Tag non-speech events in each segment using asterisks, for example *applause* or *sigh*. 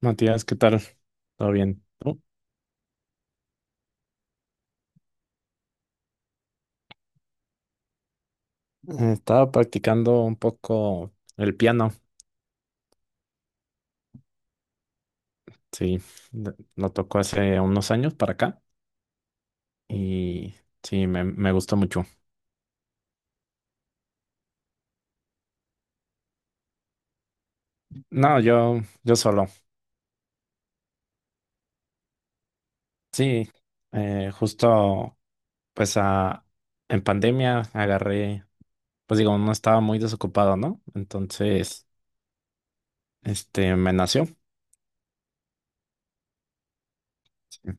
Matías, ¿qué tal? ¿Todo bien? ¿Tú? Estaba practicando un poco el piano, sí, de- lo tocó hace unos años para acá y sí, me gustó mucho. No, yo solo, sí, justo pues a- en pandemia agarré, pues digo, no estaba muy desocupado, ¿no? Entonces, este, me nació. Sí.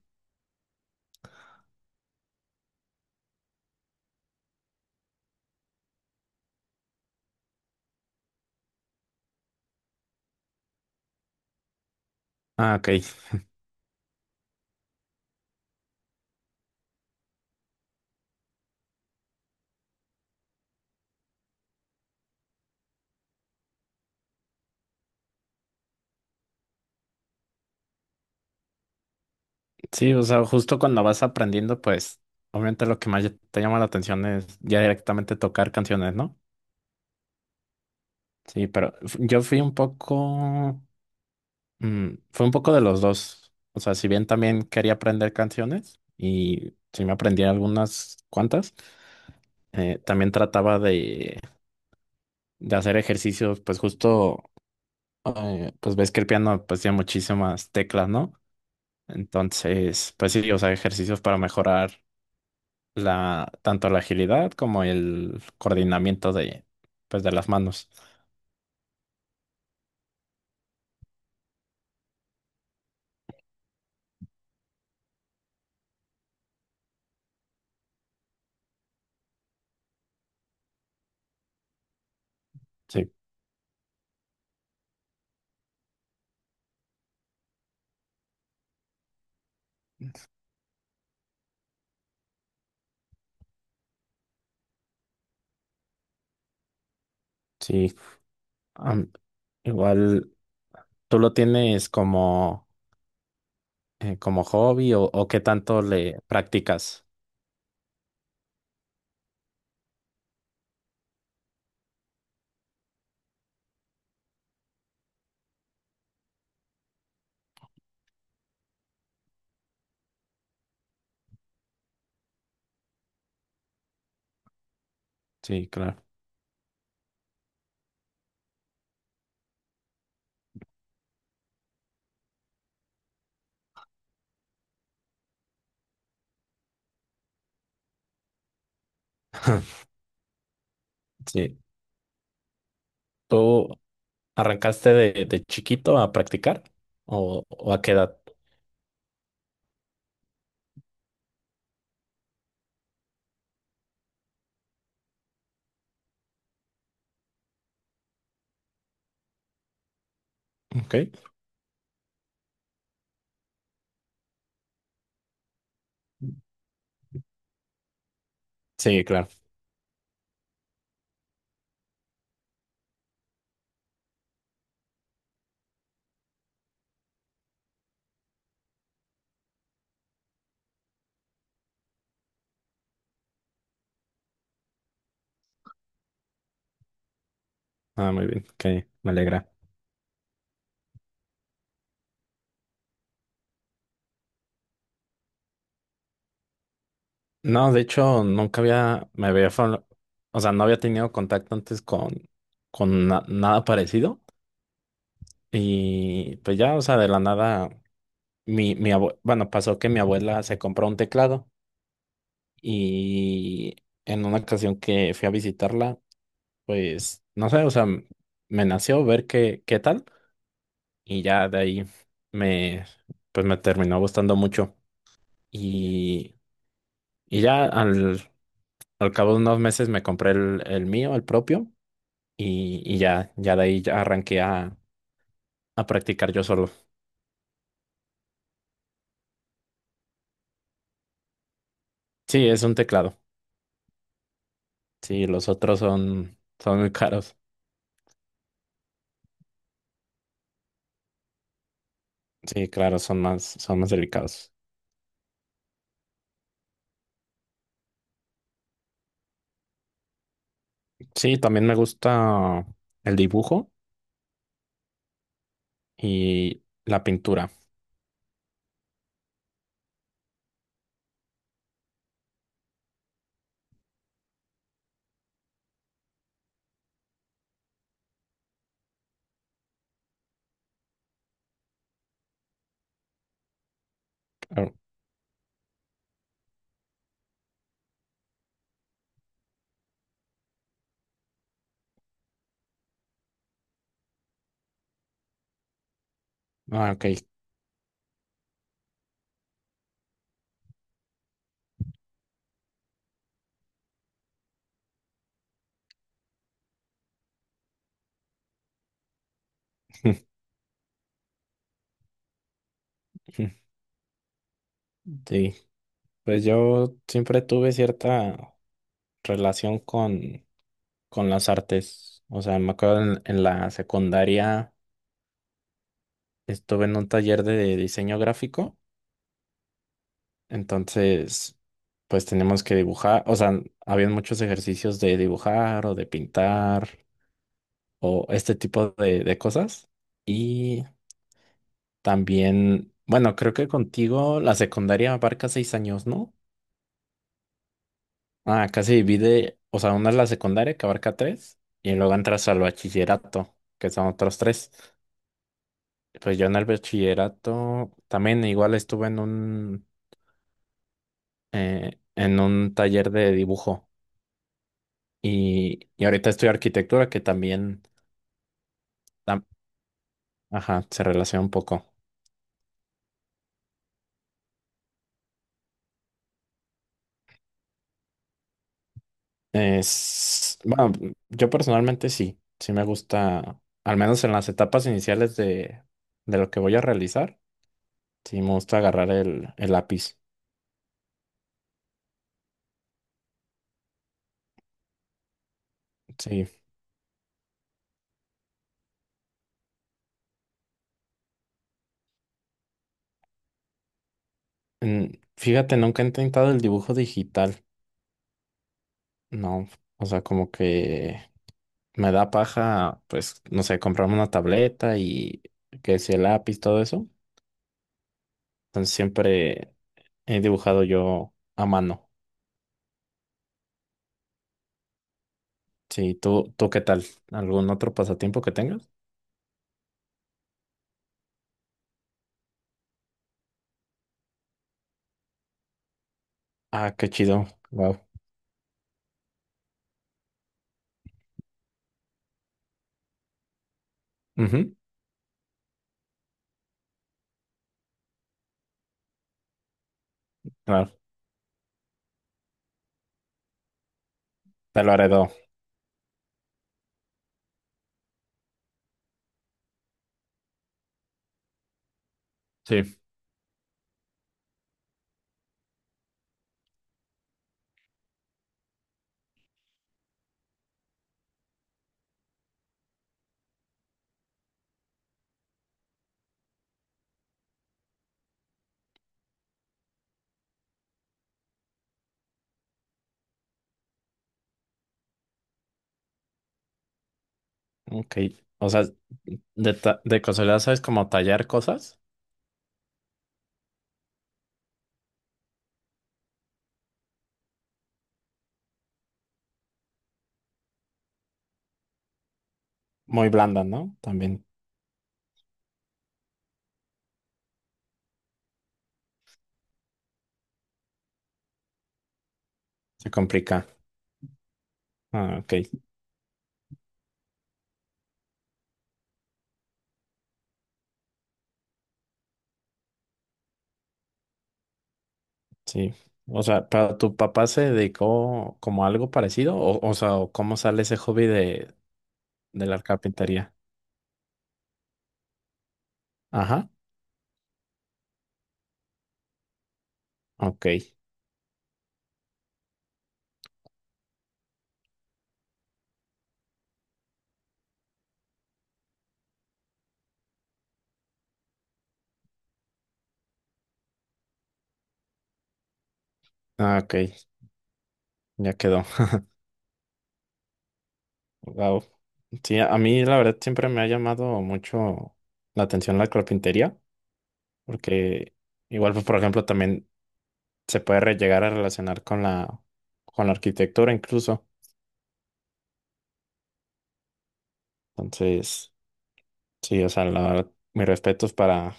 Ah, ok. Sí, o sea, justo cuando vas aprendiendo, pues obviamente lo que más te llama la atención es ya directamente tocar canciones, ¿no? Sí, pero f- yo fui un poco, fue un poco de los dos. O sea, si bien también quería aprender canciones y sí me aprendí algunas cuantas, también trataba de hacer ejercicios, pues justo, pues ves que el piano pues tiene muchísimas teclas, ¿no? Entonces, pues sí, o sea, ejercicios para mejorar la, tanto la agilidad como el coordinamiento de, pues de las manos. Sí, sí. Am, Igual. ¿Tú lo tienes como, como hobby o qué tanto le practicas? Sí, claro. Sí. ¿Tú arrancaste de chiquito a practicar o a qué edad? Ok. Sí, claro. Ah, muy bien. Ok, me alegra. No, de hecho, nunca había, me había, fa- o sea, no había tenido contacto antes con na- nada parecido. Y pues ya, o sea, de la nada, mi abue- bueno, pasó que mi abuela se compró un teclado. Y en una ocasión que fui a visitarla, pues no sé, o sea, m- me nació ver qué, qué tal y ya de ahí me, pues me terminó gustando mucho. Y, y ya al, al cabo de unos meses me compré el mío, el propio, y ya, ya de ahí ya arranqué a practicar yo solo. Sí, es un teclado. Sí, los otros son, son muy caros. Sí, claro, son más delicados. Sí, también me gusta el dibujo y la pintura. Ah, ah, ok. *laughs* Sí, pues yo siempre tuve cierta relación con las artes. O sea, me acuerdo en la secundaria estuve en un taller de diseño gráfico, entonces pues teníamos que dibujar, o sea, habían muchos ejercicios de dibujar o de pintar o este tipo de cosas. Y también, bueno, creo que contigo la secundaria abarca seis años, ¿no? Ah, acá se divide, o sea, una es la secundaria que abarca tres y luego entras al bachillerato, que son otros tres. Pues yo en el bachillerato también igual estuve en un taller de dibujo y ahorita estudio arquitectura que también, tam- ajá, se relaciona un poco. Es, bueno, yo personalmente sí, sí me gusta, al menos en las etapas iniciales de lo que voy a realizar, sí me gusta agarrar el lápiz. Sí, fíjate, nunca he intentado el dibujo digital, no, o sea, como que me da paja, pues, no sé, comprarme una tableta y que si el lápiz, todo eso. Entonces siempre he dibujado yo a mano. Sí, ¿tú, tú qué tal? ¿Algún otro pasatiempo que tengas? Ah, qué chido, wow. Ujú, claro, te lo heredó. Sí. Ok, o sea, de, ta- de casualidad sabes como tallar cosas, muy blanda, ¿no? También se complica. Ah, ok. Sí. O sea, ¿pero tu papá se dedicó como a algo parecido? O sea, ¿o ¿cómo sale ese hobby de la carpintería? Ajá. Ok. Ah, ok. Ya quedó. Wow. Sí, a mí la verdad siempre me ha llamado mucho la atención la carpintería, porque igual, pues, por ejemplo, también se puede re- llegar a relacionar con la arquitectura incluso. Entonces, sí, o sea, la verdad, mis respetos para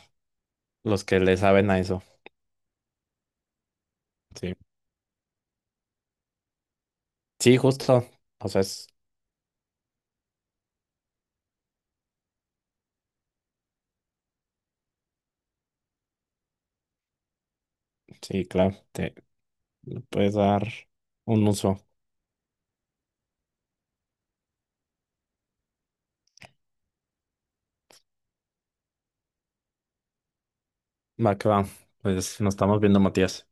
los que le saben a eso. Sí. Sí, justo. O sea, es Sí, claro, te le puedes dar un uso. Va que va. Pues nos estamos viendo, Matías.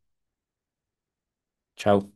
Chao.